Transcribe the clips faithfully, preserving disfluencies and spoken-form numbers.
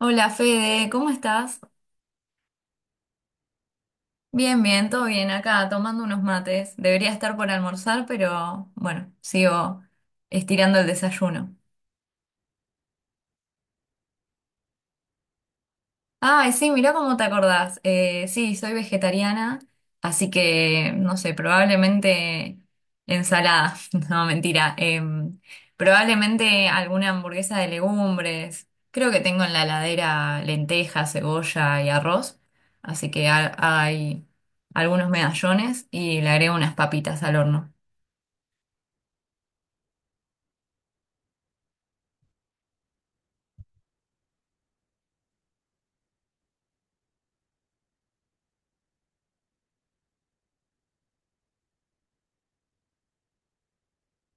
Hola Fede, ¿cómo estás? Bien, bien, todo bien acá, tomando unos mates. Debería estar por almorzar, pero bueno, sigo estirando el desayuno. Ay, sí, mirá cómo te acordás. Eh, sí, soy vegetariana, así que, no sé, probablemente ensalada. No, mentira. Em, probablemente alguna hamburguesa de legumbres. Creo que tengo en la heladera lentejas, cebolla y arroz. Así que ha- hay algunos medallones y le agrego unas papitas al horno.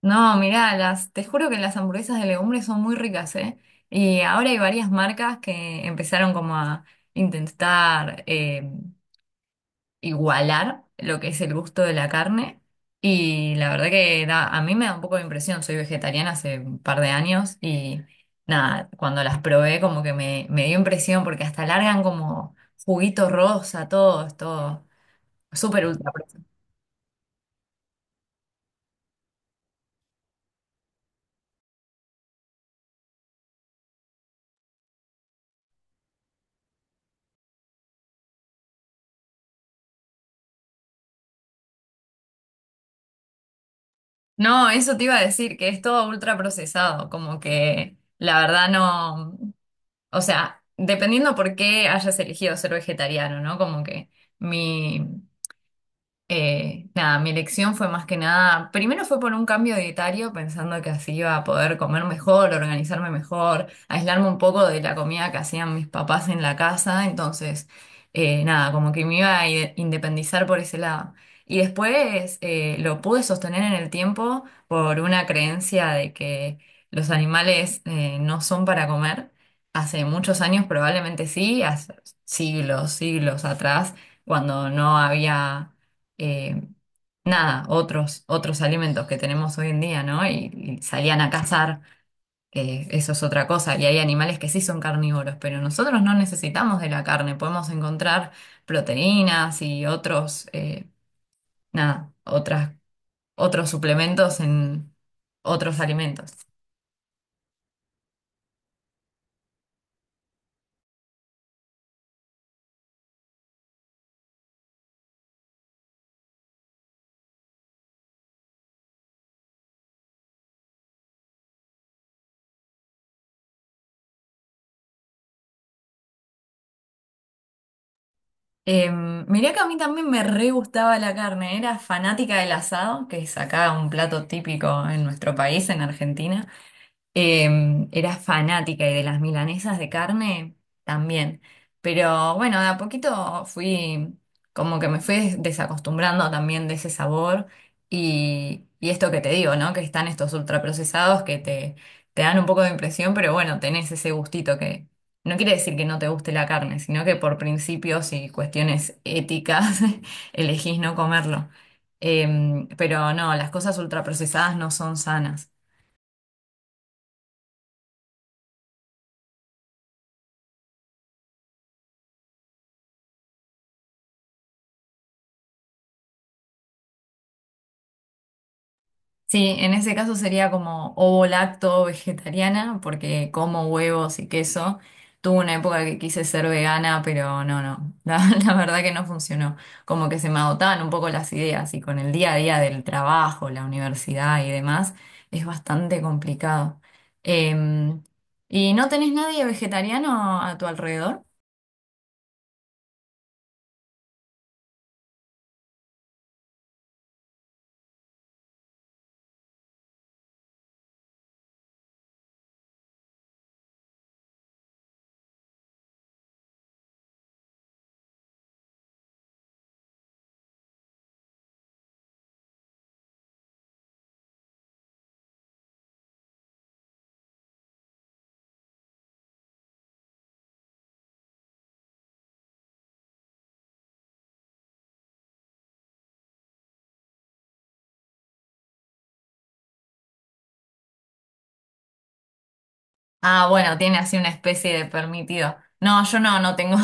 No, mirá, las, te juro que las hamburguesas de legumbres son muy ricas, ¿eh? Y ahora hay varias marcas que empezaron como a intentar eh, igualar lo que es el gusto de la carne. Y la verdad que da- a mí me da un poco de impresión, soy vegetariana hace un par de años y nada, cuando las probé como que me, me dio impresión porque hasta largan como juguito rosa, todo, es todo súper ultra. No, eso te iba a decir, que es todo ultra procesado, como que la verdad no, o sea, dependiendo por qué hayas elegido ser vegetariano, ¿no? Como que mi, eh, nada, mi elección fue más que nada, primero fue por un cambio dietario, pensando que así iba a poder comer mejor, organizarme mejor, aislarme un poco de la comida que hacían mis papás en la casa, entonces, eh, nada, como que me iba a i- independizar por ese lado. Y después eh, lo pude sostener en el tiempo por una creencia de que los animales eh, no son para comer. Hace muchos años probablemente sí, hace siglos, siglos atrás, cuando no había eh, nada, otros, otros alimentos que tenemos hoy en día, ¿no? Y, y salían a cazar, eh, eso es otra cosa. Y hay animales que sí son carnívoros, pero nosotros no necesitamos de la carne, podemos encontrar proteínas y otros, eh, nada, otras, otros suplementos en otros alimentos. Eh, mirá que a mí también me re gustaba la carne, era fanática del asado, que es acá un plato típico en nuestro país, en Argentina. Eh, era fanática y de las milanesas de carne también. Pero bueno, de a poquito fui, como que me fui des- desacostumbrando también de ese sabor y, y esto que te digo, ¿no? Que están estos ultraprocesados que te, te dan un poco de impresión, pero bueno, tenés ese gustito que no quiere decir que no te guste la carne, sino que por principios y cuestiones éticas elegís no comerlo. Em, pero no, las cosas ultraprocesadas no son sanas. Sí, en ese caso sería como ovo lacto vegetariana, porque como huevos y queso. Tuve una época que quise ser vegana, pero no, no, la, la verdad que no funcionó. Como que se me agotaban un poco las ideas y con el día a día del trabajo, la universidad y demás, es bastante complicado. Em, ¿Y no tenés nadie vegetariano a tu alrededor? Ah, bueno, tiene así una especie de permitido. No, yo no, no tengo.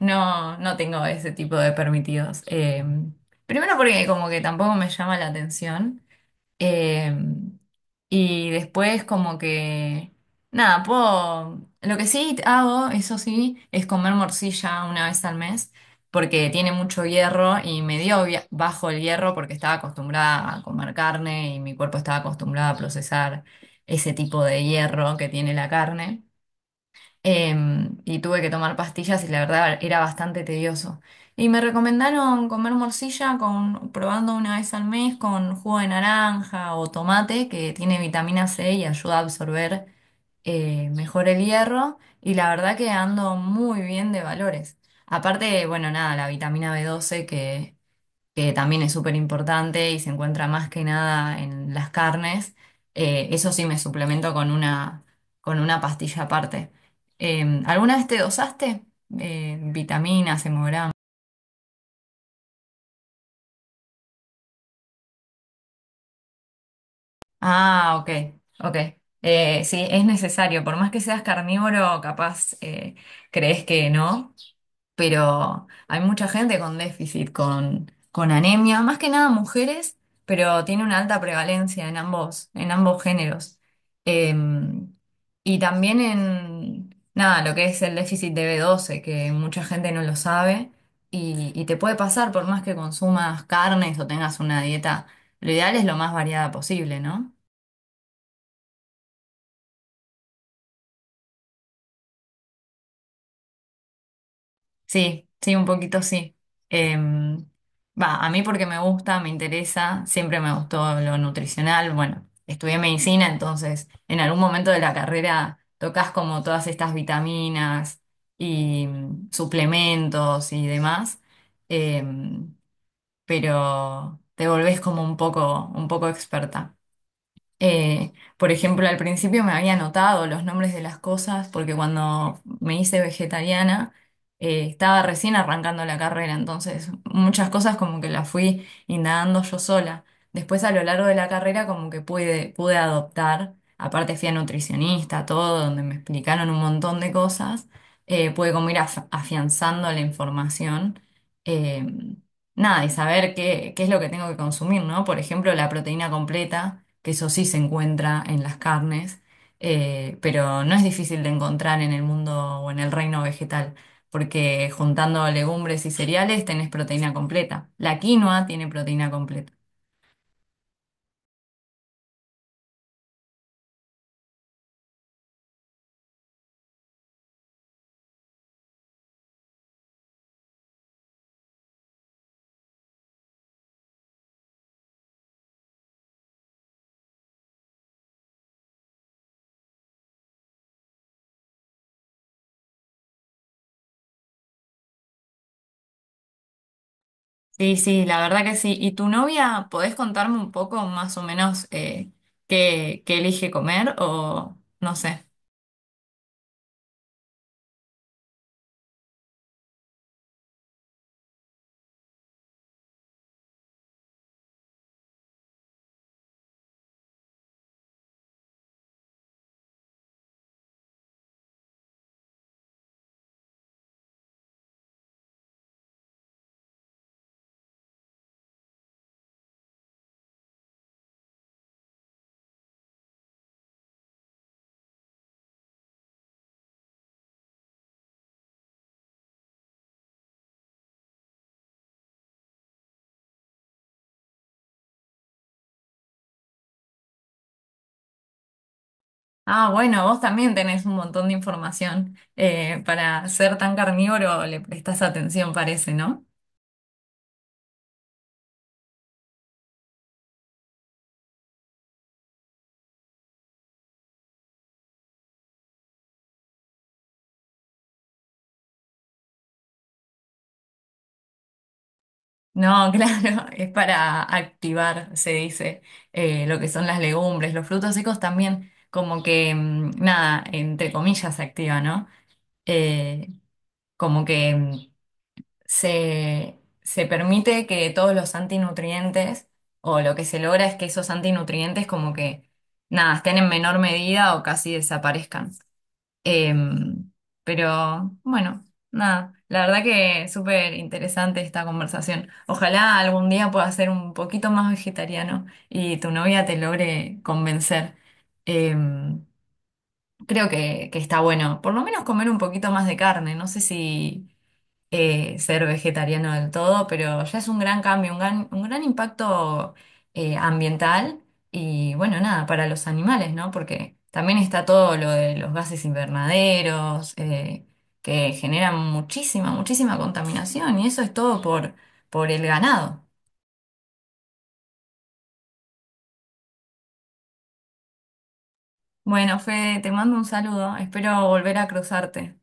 No, no tengo ese tipo de permitidos. Eh, primero porque como que tampoco me llama la atención. Eh, y después como que, nada, puedo... Lo que sí hago, eso sí, es comer morcilla una vez al mes, porque tiene mucho hierro y me dio via- bajo el hierro porque estaba acostumbrada a comer carne y mi cuerpo estaba acostumbrado a procesar ese tipo de hierro que tiene la carne, em, y tuve que tomar pastillas y la verdad era bastante tedioso. Y me recomendaron comer morcilla con, probando una vez al mes con jugo de naranja o tomate que tiene vitamina C y ayuda a absorber eh, mejor el hierro y la verdad que ando muy bien de valores. Aparte, bueno, nada, la vitamina b doce que que también es súper importante y se encuentra más que nada en las carnes, eh, eso sí me suplemento con una, con una pastilla aparte. Eh, ¿alguna vez te dosaste? Eh, vitaminas, hemogramas. Ah, ok, ok. Eh, sí, es necesario, por más que seas carnívoro, capaz eh, crees que no, pero hay mucha gente con déficit, con, con anemia, más que nada mujeres, pero tiene una alta prevalencia en ambos, en ambos géneros. Eh, y también en, nada, lo que es el déficit de B doce, que mucha gente no lo sabe y, y te puede pasar por más que consumas carnes o tengas una dieta, lo ideal es lo más variada posible, ¿no? Sí, sí, un poquito sí. Em, Va, a mí porque me gusta, me interesa, siempre me gustó lo nutricional. Bueno, estudié medicina, entonces en algún momento de la carrera tocas como todas estas vitaminas y mm, suplementos y demás, em, pero te volvés como un poco, un poco experta. Eh, por ejemplo, al principio me había anotado los nombres de las cosas porque cuando me hice vegetariana eh, estaba recién arrancando la carrera, entonces muchas cosas como que las fui indagando yo sola. Después a lo largo de la carrera como que pude, pude adoptar, aparte fui a nutricionista, todo, donde me explicaron un montón de cosas, eh, pude como ir af- afianzando la información. eh, Nada, y saber qué, qué es lo que tengo que consumir, ¿no? Por ejemplo, la proteína completa, que eso sí se encuentra en las carnes, eh, pero no es difícil de encontrar en el mundo o en el reino vegetal, porque juntando legumbres y cereales tenés proteína completa. La quinoa tiene proteína completa. Sí, sí, la verdad que sí. ¿Y tu novia, podés contarme un poco más o menos eh, qué, qué elige comer o no sé? Ah, bueno, vos también tenés un montón de información. Eh, para ser tan carnívoro le prestás atención, parece, ¿no? No, claro, es para activar, se dice, eh, lo que son las legumbres, los frutos secos también, como que, mm, nada, entre comillas se activa, ¿no? Eh, Como que mm, se, se permite que todos los antinutrientes, o lo que se logra es que esos antinutrientes como que, nada, estén en menor medida o casi desaparezcan. Em, pero bueno, nada, la verdad que súper interesante esta conversación. Ojalá algún día puedas ser un poquito más vegetariano y tu novia te logre convencer. Em, Creo que, que está bueno, por lo menos comer un poquito más de carne. No sé si, eh, ser vegetariano del todo, pero ya es un gran cambio, un gran, un gran impacto eh, ambiental y bueno, nada, para los animales, ¿no? Porque también está todo lo de los gases invernaderos, eh, que generan muchísima, muchísima contaminación y eso es todo por, por el ganado. Bueno, Fede, te mando un saludo, espero volver a cruzarte.